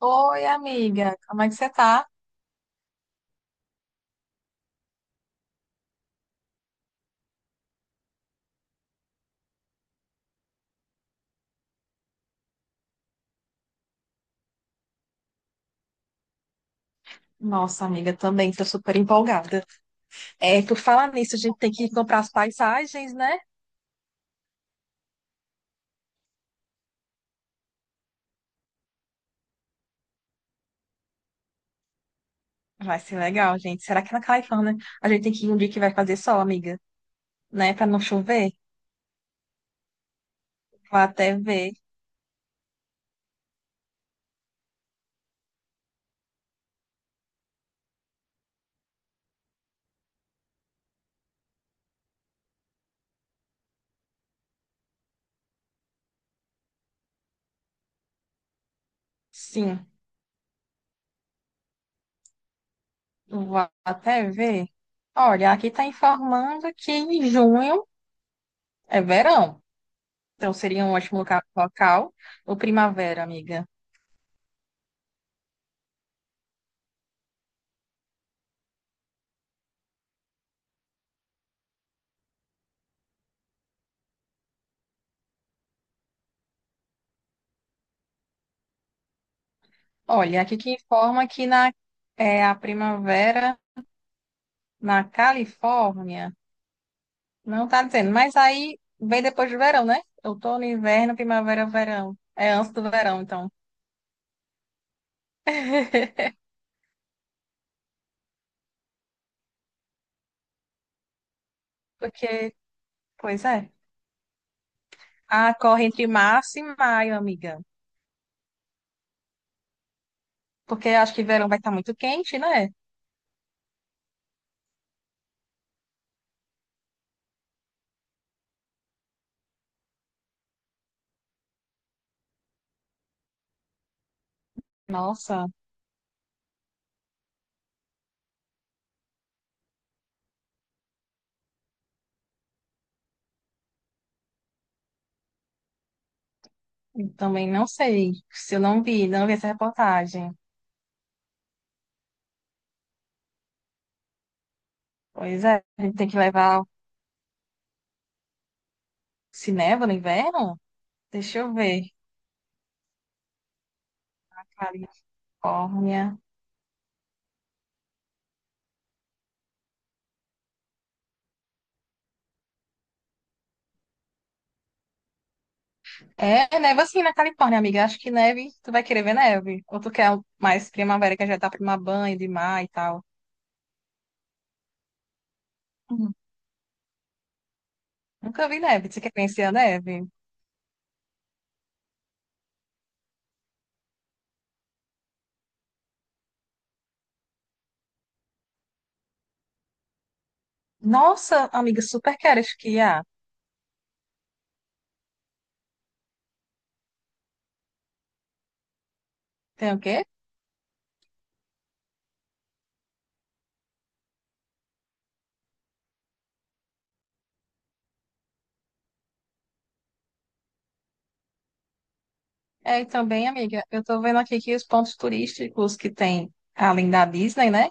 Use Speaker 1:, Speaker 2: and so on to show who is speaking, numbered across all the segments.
Speaker 1: Oi, amiga, como é que você tá? Nossa, amiga, também tô super empolgada. É, por falar nisso, a gente tem que comprar as paisagens, né? Vai ser legal, gente. Será que na Califórnia a gente tem que ir um dia que vai fazer sol, amiga? Né? Pra não chover? Vou até ver. Sim, vou até ver. Olha, aqui tá informando que em junho é verão. Então seria um ótimo local. Ou primavera, amiga. Olha, aqui que informa que na, é, a primavera na Califórnia. Não tá dizendo, mas aí vem depois do verão, né? Outono, inverno, primavera, verão. É antes do verão, então. Porque, Pois é. Ah, corre entre março e maio, amiga. Porque acho que verão vai estar muito quente, né? Nossa, eu também não sei. Se eu não vi, não vi essa reportagem. Pois é, a gente tem que levar. Se neva no inverno? Deixa eu ver. Califórnia. É, neva assim na Califórnia, amiga. Acho que neve, tu vai querer ver neve. Ou tu quer mais primavera, que já tá pra tomar banho de mar e tal. Uhum. Nunca vi neve. Você quer conhecer a neve? Nossa, amiga, super quero esquiar. Tem o quê? É, e também, amiga, eu tô vendo aqui que os pontos turísticos que tem, além da Disney, né?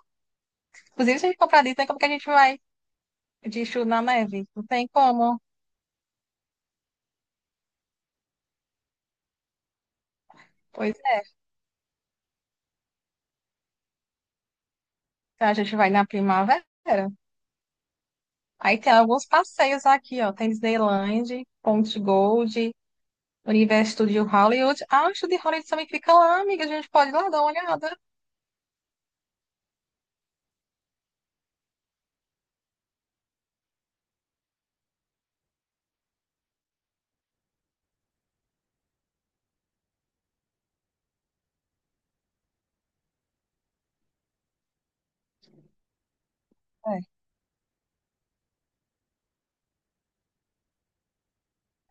Speaker 1: Inclusive, se a gente comprar a Disney, como que a gente vai de chu na neve? Não tem como. Pois é, então a gente vai na primavera. Aí tem alguns passeios aqui, ó. Tem Disneyland, Ponte Gold, Universo de Hollywood. Ah, o estúdio de Hollywood também fica lá, amiga. A gente pode ir lá dar uma olhada.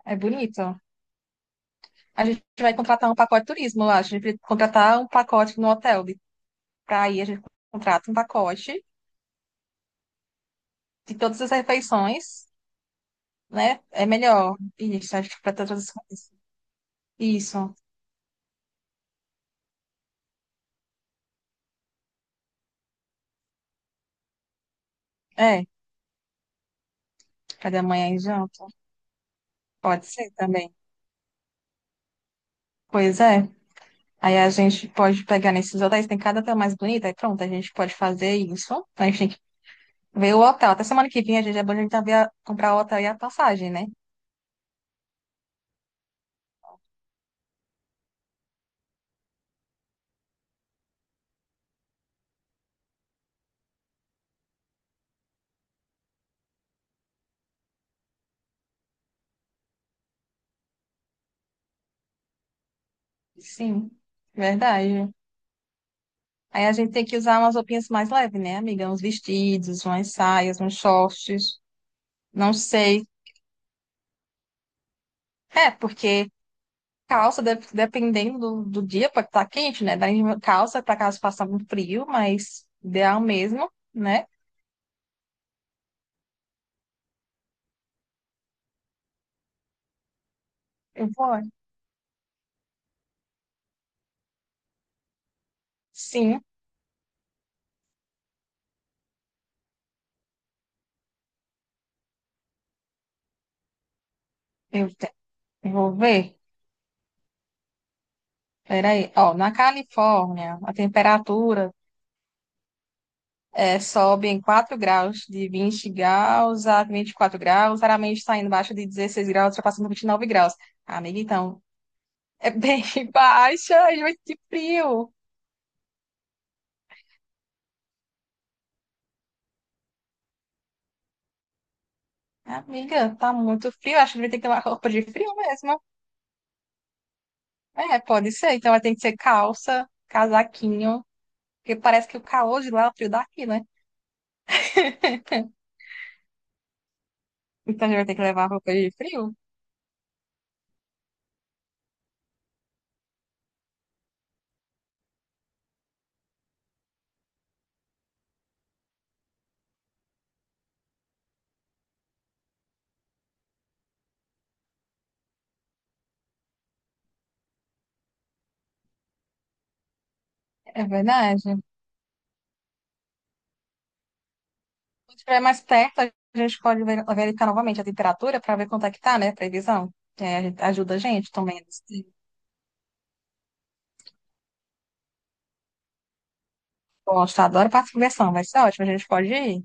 Speaker 1: É, é bonito. A gente vai contratar um pacote de turismo lá. A gente vai contratar um pacote no hotel. De... Pra ir, a gente contrata um pacote de todas as refeições, né? É melhor. Isso, acho que para todas as coisas. Isso. É. Café da manhã e janta. Pode ser também. Pois é. Aí a gente pode pegar nesses hotéis, tem cada hotel mais bonito. Aí pronto, a gente pode fazer isso. Então, a gente tem. Ver o hotel. Até semana que vem a gente é bom a gente já ver comprar o hotel e a passagem, né? Sim, verdade. Aí a gente tem que usar umas roupinhas mais leves, né, amiga? Uns vestidos, umas saias, uns shorts. Não sei. É, porque calça, dependendo do, do dia, pode estar quente, né? Daí calça para caso faça muito frio, mas ideal mesmo, né? Eu vou. Sim, eu te- eu vou ver. Peraí. Ó, na Califórnia, a temperatura é, sobe em 4 graus, de 20 graus a 24 graus, raramente está indo embaixo de 16 graus, ultrapassando 29 graus. Amiga, então, é bem baixa, a gente vai sentir frio. Amiga, tá muito frio, acho que a gente vai ter que ter uma roupa de frio mesmo. É, pode ser, então vai ter que ser calça, casaquinho, porque parece que o calor de lá é o frio daqui, né? Então a gente vai ter que levar roupa de frio. É verdade. Quando estiver mais perto, a gente pode verificar novamente a temperatura para ver quanto é que tá, né? Previsão. É, a gente, ajuda a gente também. Gosto, adoro parte de conversão, vai ser ótimo. A gente pode ir.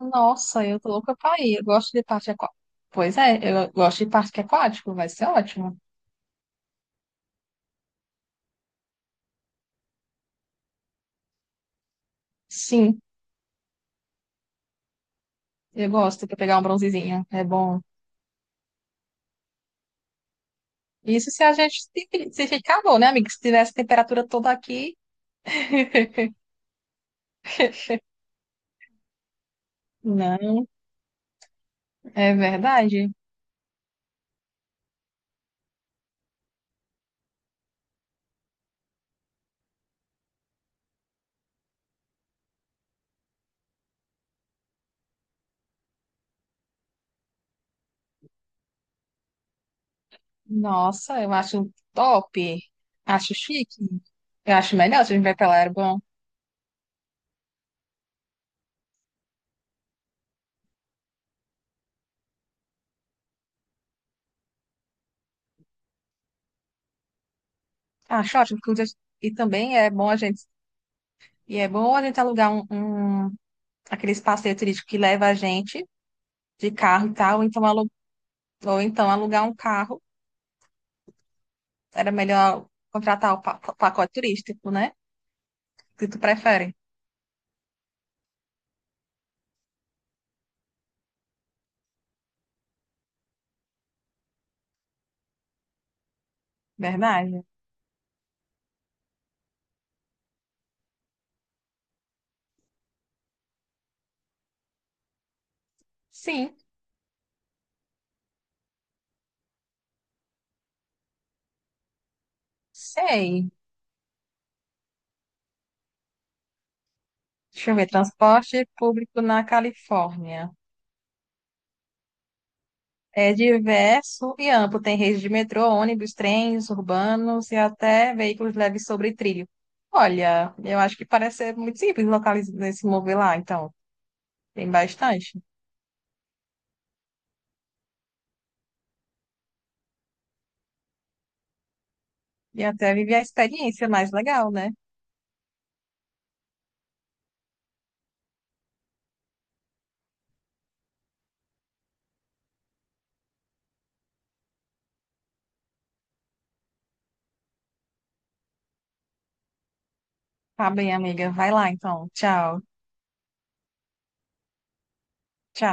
Speaker 1: Nossa, eu tô louca pra ir. Eu gosto de parque aquático. Pois é, eu gosto de parque aquático, vai ser ótimo. Sim, eu gosto de pegar um bronzezinho, é bom. Isso se a gente se ficar bom, né, amigo? Se tivesse temperatura toda aqui. Não, é verdade. Nossa, eu acho top. Acho chique. Eu acho melhor se a gente vai pra lá, era bom. Acho ótimo, porque. E também é bom a gente. E é bom a gente alugar um, um- aqueles passeios turísticos que leva a gente de carro e tal, ou então alugar um carro. Era melhor contratar o pacote turístico, né? Que tu prefere. Verdade? Sim, sei. Deixa eu ver, transporte público na Califórnia. É diverso e amplo. Tem rede de metrô, ônibus, trens urbanos e até veículos leves sobre trilho. Olha, eu acho que parece ser muito simples localizar se mover lá, então. Tem bastante. E até viver a experiência mais legal, né? Tá bem, amiga. Vai lá, então. Tchau. Tchau.